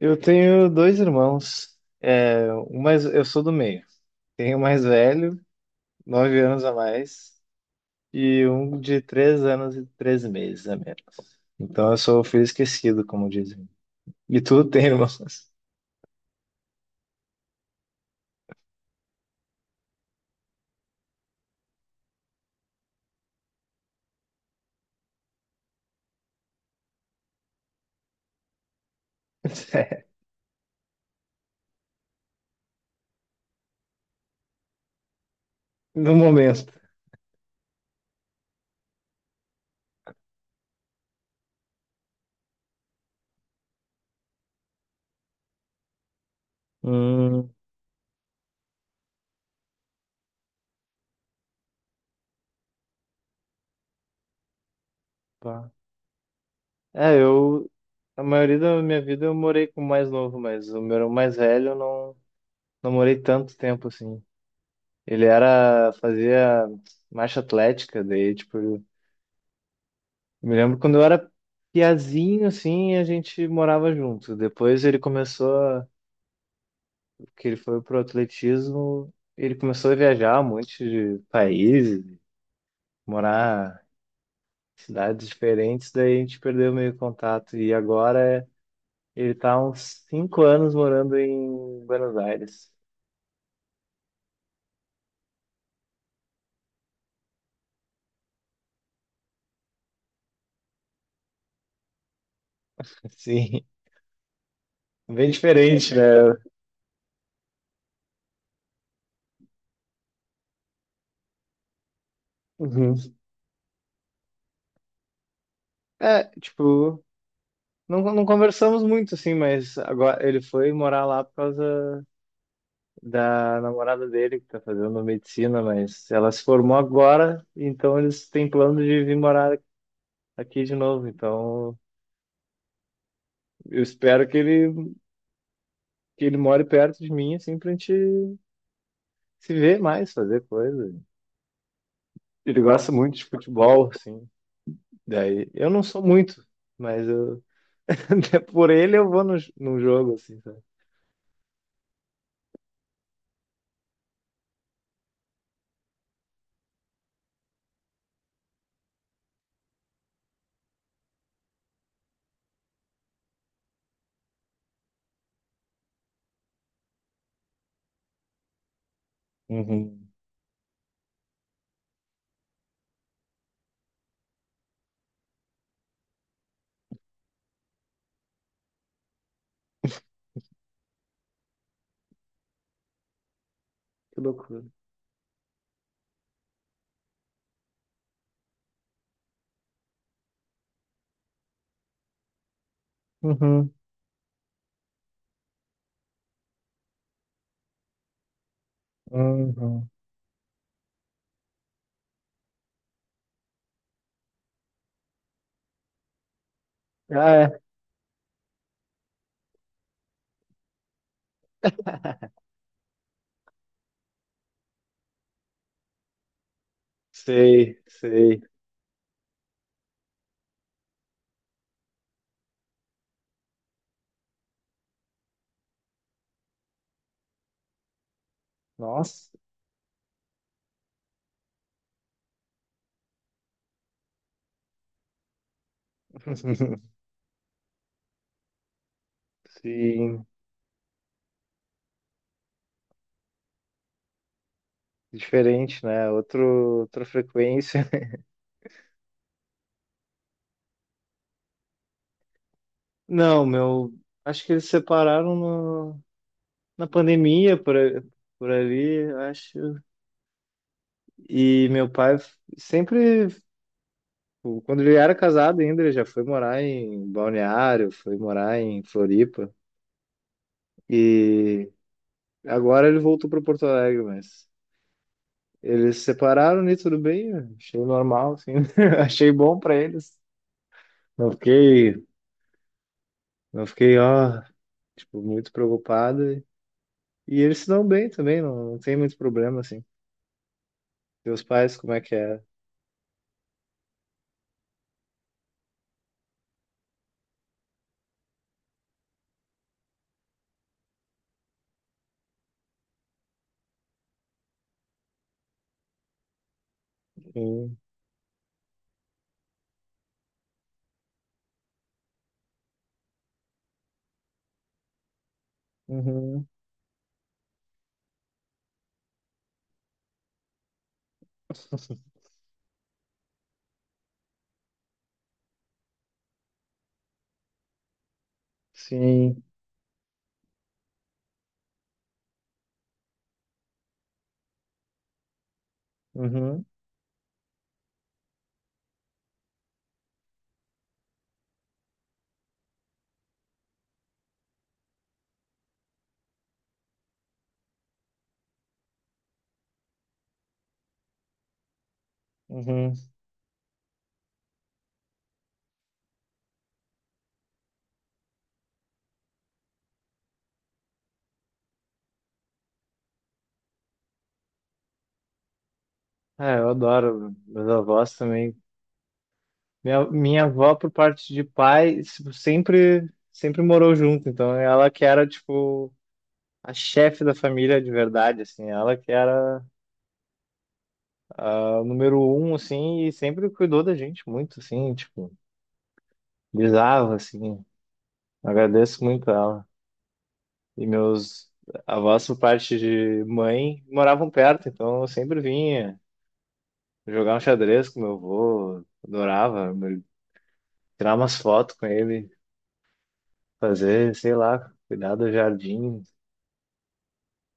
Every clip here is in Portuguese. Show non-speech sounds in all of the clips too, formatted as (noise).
Eu tenho dois irmãos. É, um mais, eu sou do meio. Tenho um mais velho, 9 anos a mais, e um de 3 anos e 3 meses a menos. Então eu sou o filho esquecido, como dizem. E tu tem irmãos? (laughs) É, no momento. Hum, pá. É, eu. A maioria da minha vida eu morei com o mais novo, mas o meu irmão mais velho eu não, não morei tanto tempo assim. Fazia marcha atlética, daí, tipo, eu me lembro quando eu era piazinho, assim, a gente morava junto. Depois ele começou, que ele foi pro atletismo, ele começou a viajar um monte de países, morar em cidades diferentes, daí a gente perdeu meio contato. E agora ele tá há uns 5 anos morando em Buenos Aires. (laughs) Assim, bem diferente, né? Uhum. É, tipo, não, não conversamos muito, assim, mas agora ele foi morar lá por causa da namorada dele que tá fazendo medicina, mas ela se formou agora, então eles têm plano de vir morar aqui de novo. Então eu espero que ele more perto de mim, assim, pra gente se ver mais, fazer coisa. Ele gosta muito de futebol, assim. Daí eu não sou muito, mas eu (laughs) por ele eu vou no jogo, assim, sabe? Uhum. Que loucura. Uhum, uhum. Ah, é. Sei, sei. Nossa. (laughs) Sim. Diferente, né? Outra frequência. (laughs) Não, meu. Acho que eles separaram no, na pandemia por, por ali, acho. E meu pai sempre, tipo, quando ele era casado ainda, ele já foi morar em Balneário, foi morar em Floripa. E agora ele voltou para Porto Alegre, mas eles se separaram e tudo bem, eu achei normal, assim. (laughs) Achei bom para eles. Não fiquei, não fiquei, ó, tipo, muito preocupado. E eles se dão bem também, não, não tem muito problema, assim. Teus pais, como é que é? Sim. Uhum. Sim. Uhum. Uhum. É, eu adoro meus avós também. Minha avó, por parte de pai, tipo, sempre, sempre morou junto. Então, ela que era, tipo, a chefe da família de verdade, assim. Ela que era a número um, assim, e sempre cuidou da gente muito, assim, tipo, bizarro, assim. Agradeço muito a ela. E meus avós, por parte de mãe, moravam perto, então eu sempre vinha jogar um xadrez com meu avô, adorava, tirar umas fotos com ele, fazer, sei lá, cuidar do jardim,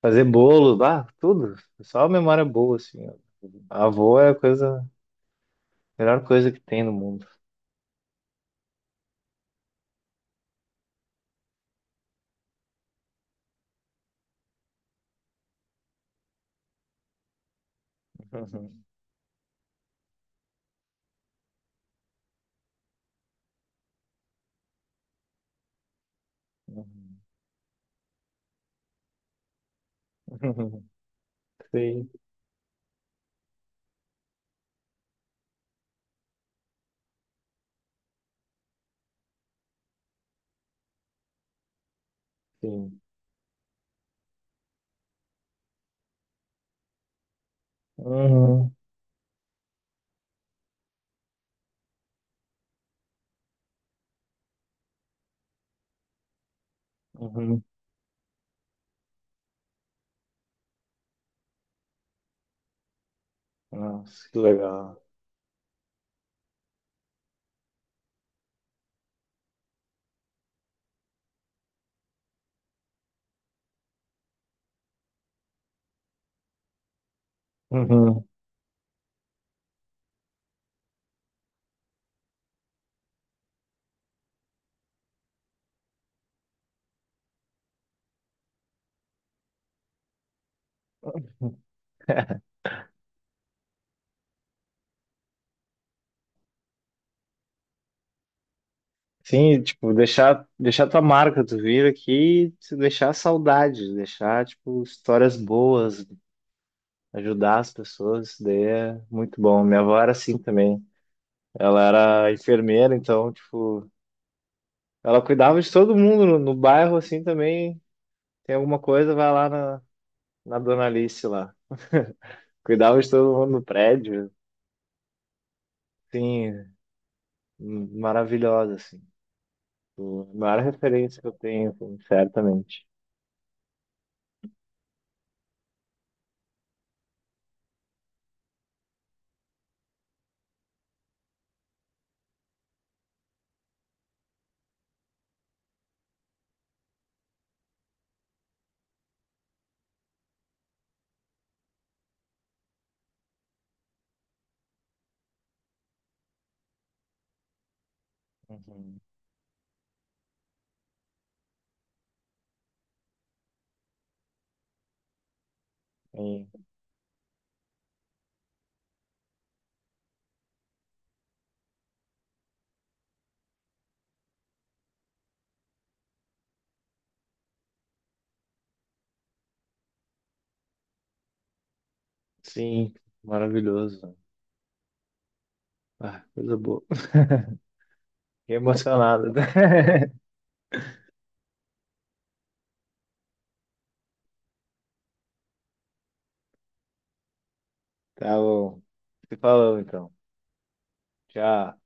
fazer bolo, bah, tudo. Só memória boa, assim, ó. Avô é a melhor coisa que tem no mundo. (laughs) Sim, sim. Uhum, uhum. Nossa, que legal. Uhum. Sim, tipo, deixar tua marca, tu vir aqui, e deixar saudade, deixar, tipo, histórias boas, ajudar as pessoas, isso daí é muito bom. Minha avó era assim também. Ela era enfermeira, então, tipo, ela cuidava de todo mundo no bairro, assim, também. Tem alguma coisa, vai lá na Dona Alice lá. Cuidava de todo mundo no prédio, sim, maravilhosa, assim. Tipo, a maior referência que eu tenho, assim, certamente. Uhum. Sim, maravilhoso. Ah, coisa boa. Fiquei emocionado, né? (laughs) Tá bom. Se falou então. Tchau.